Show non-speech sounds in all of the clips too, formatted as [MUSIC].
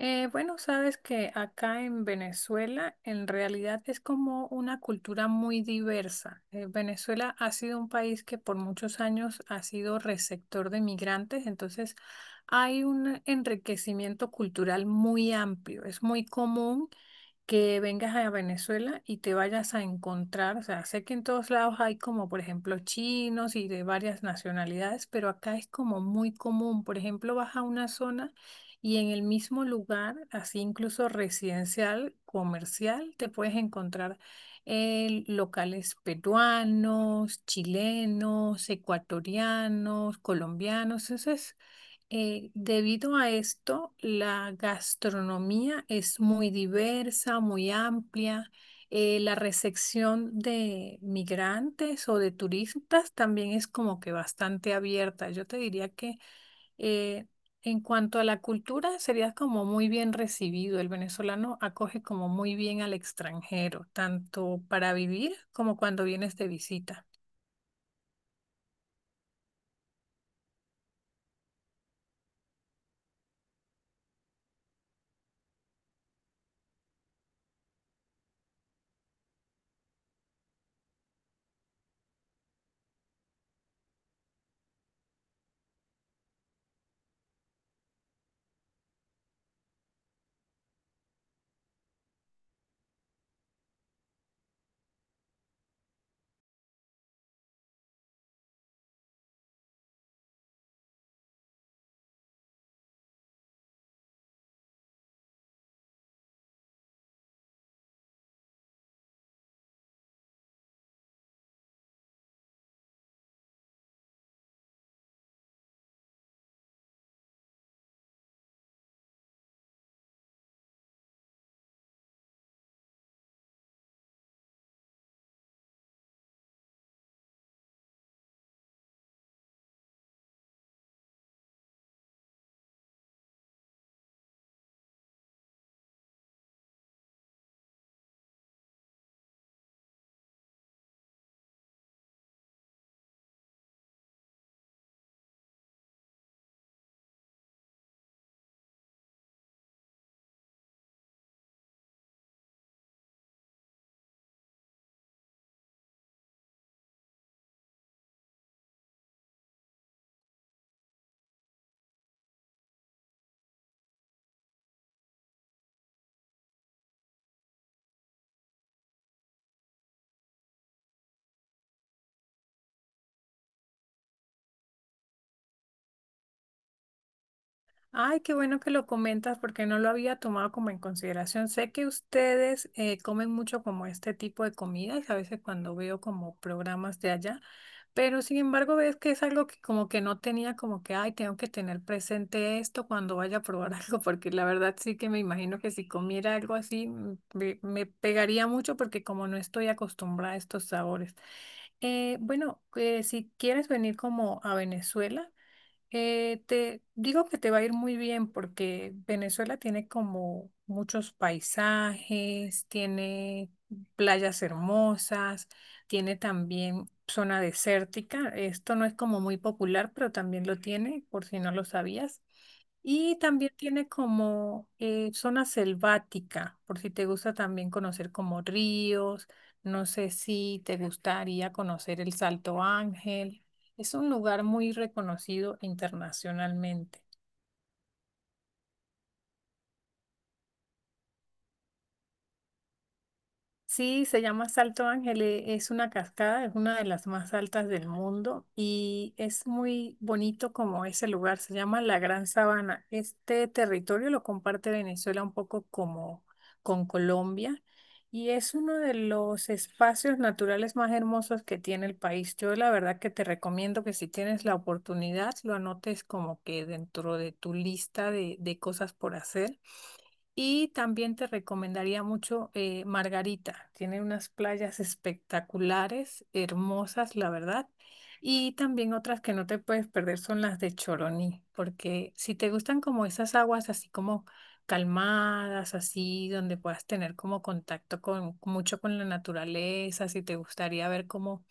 Bueno, sabes que acá en Venezuela en realidad es como una cultura muy diversa. Venezuela ha sido un país que por muchos años ha sido receptor de migrantes, entonces hay un enriquecimiento cultural muy amplio. Es muy común que vengas a Venezuela y te vayas a encontrar, o sea, sé que en todos lados hay como, por ejemplo, chinos y de varias nacionalidades, pero acá es como muy común. Por ejemplo, vas a una zona y en el mismo lugar, así incluso residencial, comercial, te puedes encontrar locales peruanos, chilenos, ecuatorianos, colombianos. Debido a esto, la gastronomía es muy diversa, muy amplia. La recepción de migrantes o de turistas también es como que bastante abierta. Yo te diría que eh, en cuanto a la cultura, sería como muy bien recibido. El venezolano acoge como muy bien al extranjero, tanto para vivir como cuando vienes de visita. Ay, qué bueno que lo comentas porque no lo había tomado como en consideración. Sé que ustedes comen mucho como este tipo de comidas, a veces cuando veo como programas de allá, pero sin embargo ves que es algo que como que no tenía como que, ay, tengo que tener presente esto cuando vaya a probar [LAUGHS] algo, porque la verdad sí que me imagino que si comiera algo así me pegaría mucho porque como no estoy acostumbrada a estos sabores. Bueno, si quieres venir como a Venezuela. Te digo que te va a ir muy bien porque Venezuela tiene como muchos paisajes, tiene playas hermosas, tiene también zona desértica. Esto no es como muy popular, pero también lo tiene, por si no lo sabías. Y también tiene como zona selvática, por si te gusta también conocer como ríos. No sé si te gustaría conocer el Salto Ángel. Es un lugar muy reconocido internacionalmente. Sí, se llama Salto Ángel, es una cascada, es una de las más altas del mundo y es muy bonito como ese lugar, se llama la Gran Sabana. Este territorio lo comparte Venezuela un poco como con Colombia y es uno de los espacios naturales más hermosos que tiene el país. Yo la verdad que te recomiendo que si tienes la oportunidad lo anotes como que dentro de tu lista de cosas por hacer y también te recomendaría mucho Margarita. Tiene unas playas espectaculares, hermosas, la verdad. Y también otras que no te puedes perder son las de Choroní, porque si te gustan como esas aguas así como calmadas, así donde puedas tener como contacto con mucho con la naturaleza, si te gustaría ver como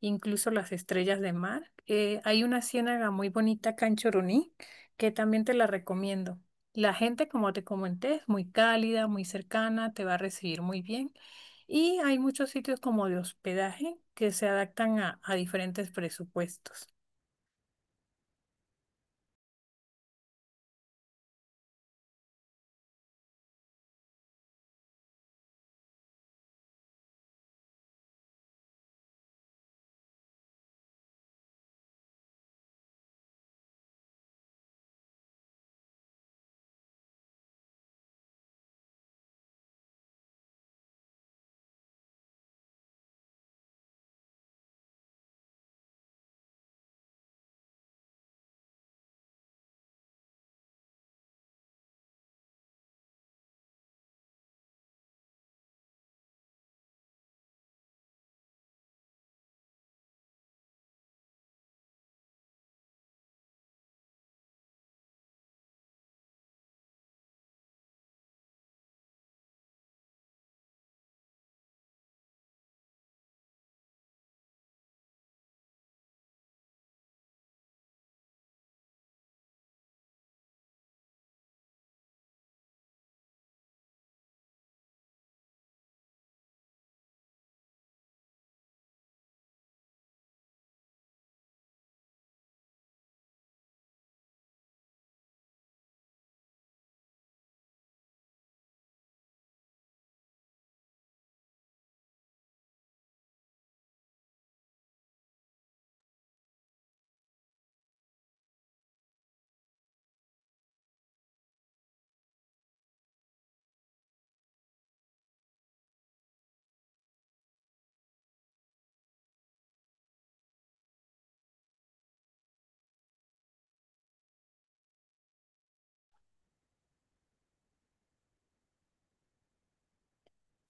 incluso las estrellas de mar, hay una ciénaga muy bonita acá en Choroní que también te la recomiendo. La gente, como te comenté, es muy cálida, muy cercana, te va a recibir muy bien. Y hay muchos sitios como de hospedaje que se adaptan a diferentes presupuestos.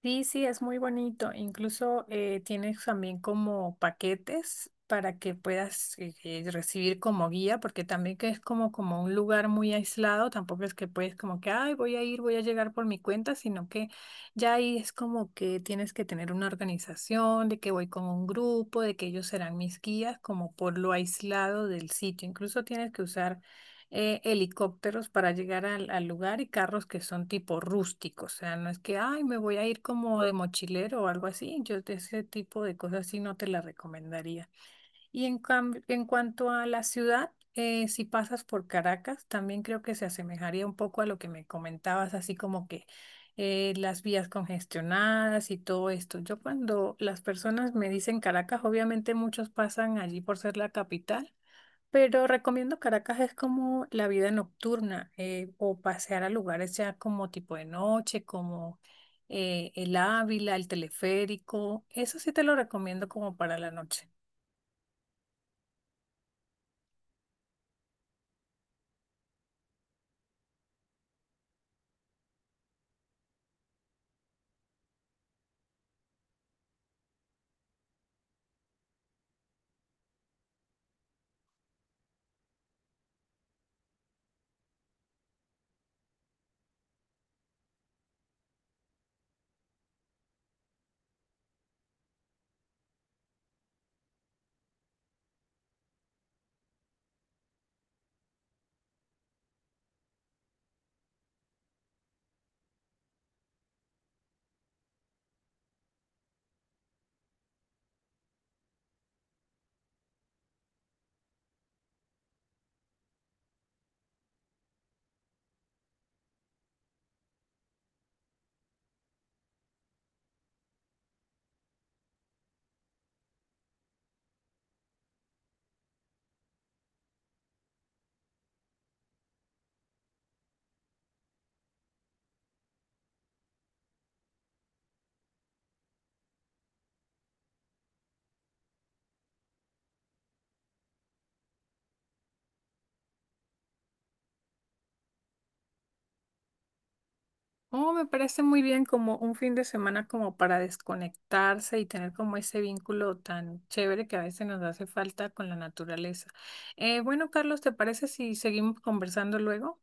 Sí, sí, es muy bonito. Incluso tienes también como paquetes para que puedas recibir como guía, porque también que es como, como un lugar muy aislado, tampoco es que puedes como que, ay, voy a ir, voy a llegar por mi cuenta, sino que ya ahí es como que tienes que tener una organización, de que voy con un grupo, de que ellos serán mis guías, como por lo aislado del sitio. Incluso tienes que usar helicópteros para llegar al lugar y carros que son tipo rústicos. O sea, no es que, ay, me voy a ir como de mochilero o algo así. Yo de ese tipo de cosas sí no te la recomendaría. Y en, en cuanto a la ciudad, si pasas por Caracas, también creo que se asemejaría un poco a lo que me comentabas, así como que las vías congestionadas y todo esto. Yo cuando las personas me dicen Caracas, obviamente muchos pasan allí por ser la capital. Pero recomiendo Caracas es como la vida nocturna o pasear a lugares ya como tipo de noche, como el Ávila, el teleférico. Eso sí te lo recomiendo como para la noche. Oh, me parece muy bien como un fin de semana como para desconectarse y tener como ese vínculo tan chévere que a veces nos hace falta con la naturaleza. Bueno, Carlos, ¿te parece si seguimos conversando luego?